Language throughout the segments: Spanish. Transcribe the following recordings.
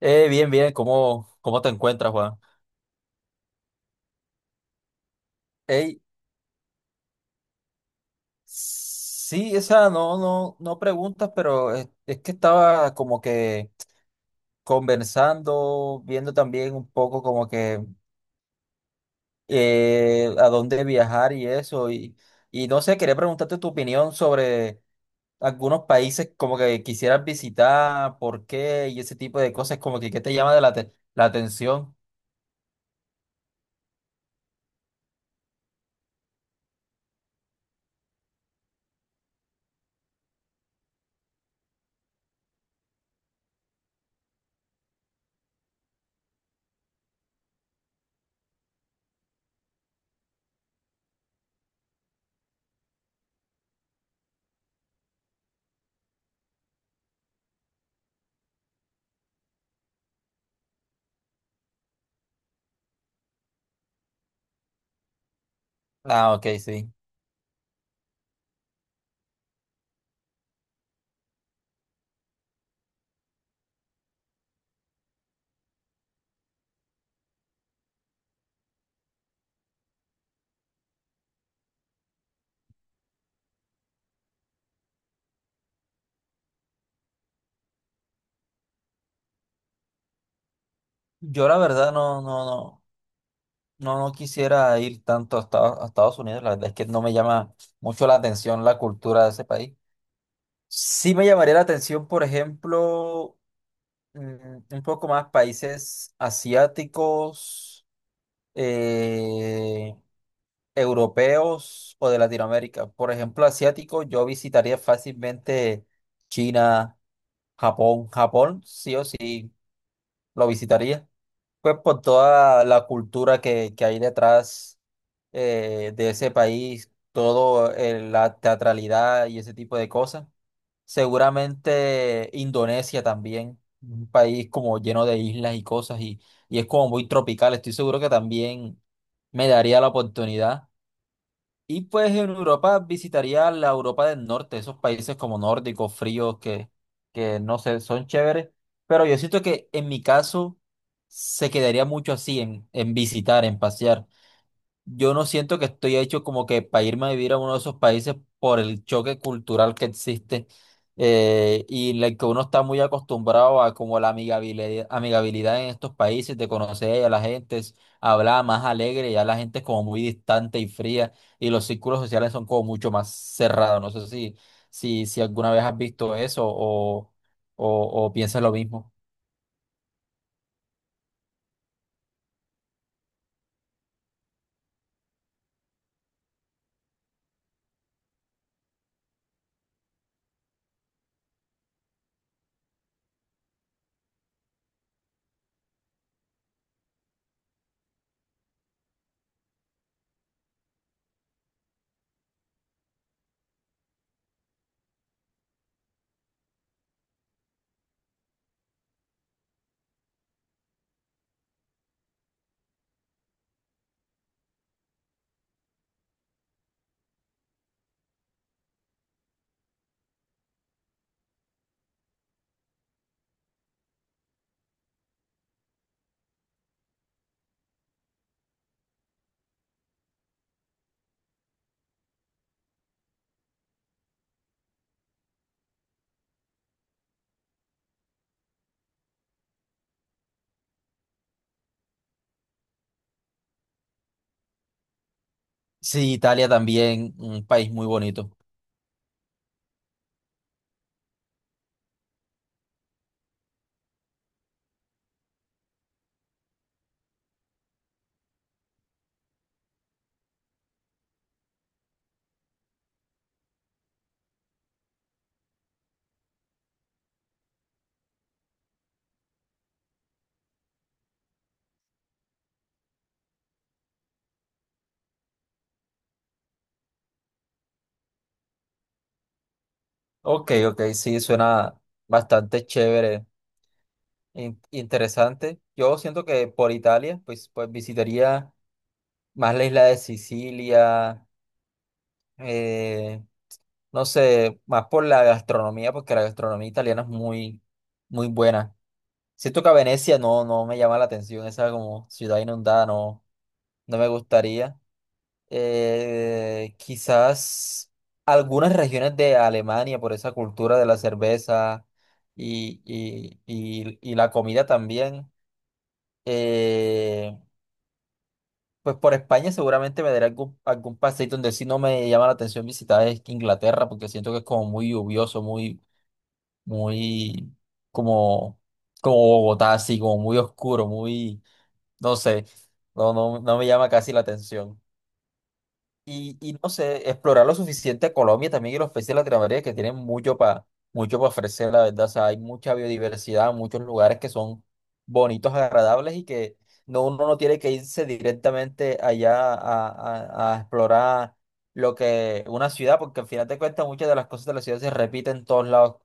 Bien, bien, ¿cómo te encuentras, Juan? Ey, sí, o sea, no, no, no preguntas, pero es que estaba como que conversando, viendo también un poco como que a dónde viajar y eso, y no sé, quería preguntarte tu opinión sobre algunos países como que quisieras visitar, por qué y ese tipo de cosas, como que qué te llama de la, la atención. Ah, ok, sí. Yo la verdad no, no, no. No, no quisiera ir tanto a Estados Unidos, la verdad es que no me llama mucho la atención la cultura de ese país. Sí me llamaría la atención, por ejemplo, mm, un poco más países asiáticos, eh, europeos o de Latinoamérica. Por ejemplo, asiático, yo visitaría fácilmente China, Japón. Japón, sí o sí, lo visitaría. Pues por toda la cultura que hay detrás de ese país, todo la teatralidad y ese tipo de cosas. Seguramente Indonesia también, un país como lleno de islas y cosas y es como muy tropical. Estoy seguro que también me daría la oportunidad. Y pues en Europa visitaría la Europa del Norte, esos países como nórdicos, fríos, que no sé, son chéveres. Pero yo siento que en mi caso se quedaría mucho así, en visitar, en pasear. Yo no siento que estoy hecho como que para irme a vivir a uno de esos países por el choque cultural que existe y en el que uno está muy acostumbrado a como la amigabilidad, amigabilidad en estos países, de conocer a la gente, hablar más alegre, ya la gente es como muy distante y fría y los círculos sociales son como mucho más cerrados. No sé si alguna vez has visto eso o piensas lo mismo. Sí, Italia también, un país muy bonito. Ok, ok, sí, suena bastante chévere, interesante. Yo siento que por Italia, pues, pues visitaría más la isla de Sicilia, eh, no sé, más por la gastronomía, porque la gastronomía italiana es muy, muy buena. Siento que a Venecia no, no me llama la atención, esa como ciudad inundada, no, no me gustaría. Quizás algunas regiones de Alemania por esa cultura de la cerveza y, y la comida también. Eh, pues por España seguramente me daré algún, algún paseíto donde sí no me llama la atención visitar es Inglaterra porque siento que es como muy lluvioso, muy, muy como, como Bogotá, así como muy oscuro, muy, no sé, no, no, no me llama casi la atención. Y no sé, explorar lo suficiente Colombia también y los países de Latinoamérica que tienen mucho para mucho para ofrecer, la verdad. O sea, hay mucha biodiversidad, muchos lugares que son bonitos, agradables y que no, uno no tiene que irse directamente allá a, a explorar lo que una ciudad, porque al final te cuentas muchas de las cosas de la ciudad se repiten en todos lados.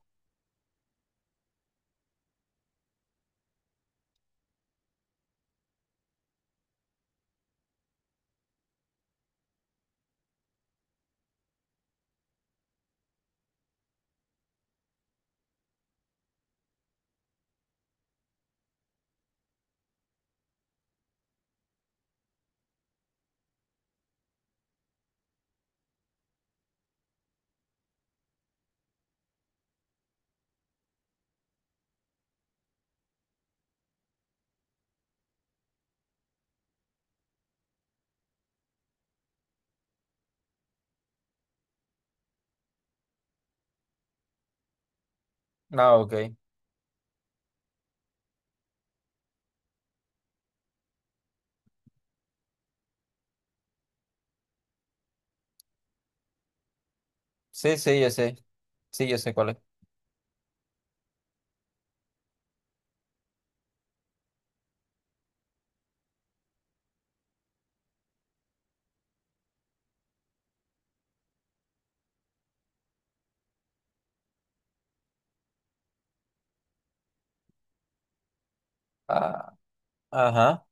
Ah, ok. Sí, sí, yo sé. Sí, yo sé cuál es. Ah, ajá.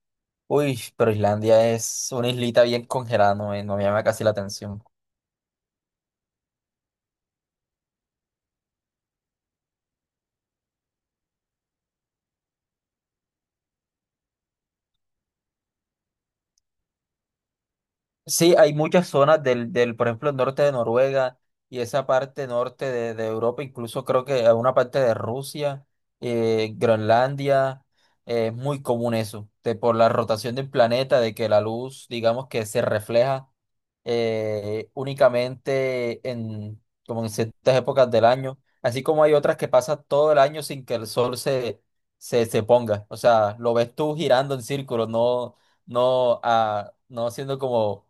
Uy, pero Islandia es una islita bien congelada, no me, no me llama casi la atención. Sí, hay muchas zonas del por ejemplo, el norte de Noruega y esa parte norte de Europa, incluso creo que a una parte de Rusia, Groenlandia, es muy común eso, de, por la rotación del planeta, de que la luz, digamos que se refleja únicamente en, como en ciertas épocas del año, así como hay otras que pasan todo el año sin que el sol se, se, se ponga, o sea, lo ves tú girando en círculos, no, no, no haciendo como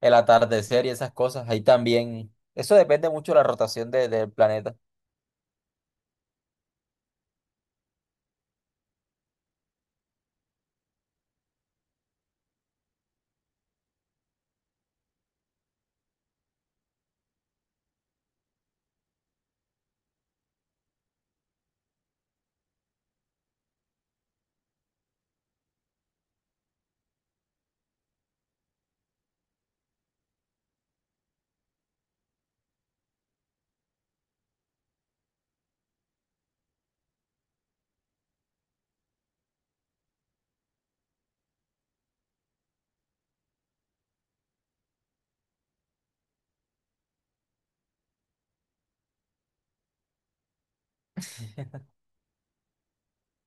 el atardecer y esas cosas. Ahí también, eso depende mucho de la rotación del planeta.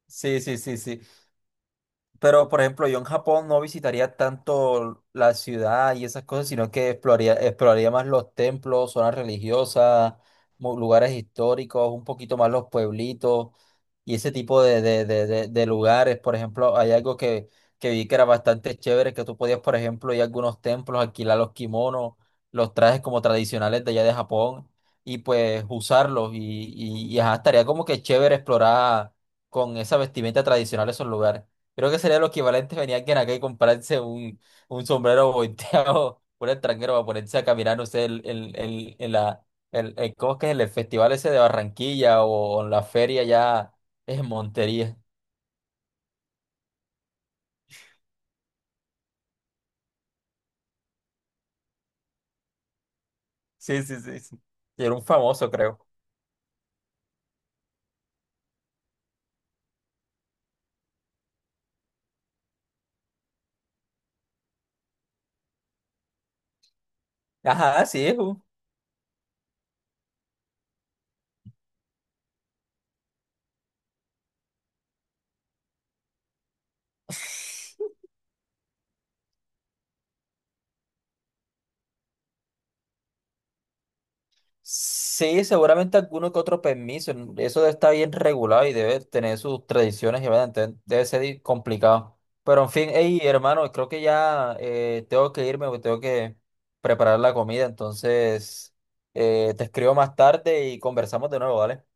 Sí, sí, sí, sí. Pero, por ejemplo, yo en Japón no visitaría tanto la ciudad y esas cosas, sino que exploraría, exploraría más los templos, zonas religiosas, lugares históricos, un poquito más los pueblitos y ese tipo de lugares. Por ejemplo, hay algo que vi que era bastante chévere, que tú podías, por ejemplo, ir a algunos templos, alquilar los kimonos, los trajes como tradicionales de allá de Japón y pues usarlos. Y ajá, estaría como que chévere explorar con esa vestimenta tradicional esos lugares. Creo que sería lo equivalente venir alguien acá y comprarse un sombrero volteado por el extranjero para ponerse a caminar, no sé, en la, ¿cómo es que es? El festival ese de Barranquilla o en la feria ya en Montería. Sí, sí, sí, sí. Y era un famoso, creo. Ajá, sí, es un. Sí, seguramente alguno que otro permiso. Eso está bien regulado y debe tener sus tradiciones y vaina, entonces debe ser complicado. Pero en fin, hey, hermano, creo que ya tengo que irme porque tengo que preparar la comida. Entonces, te escribo más tarde y conversamos de nuevo, ¿vale?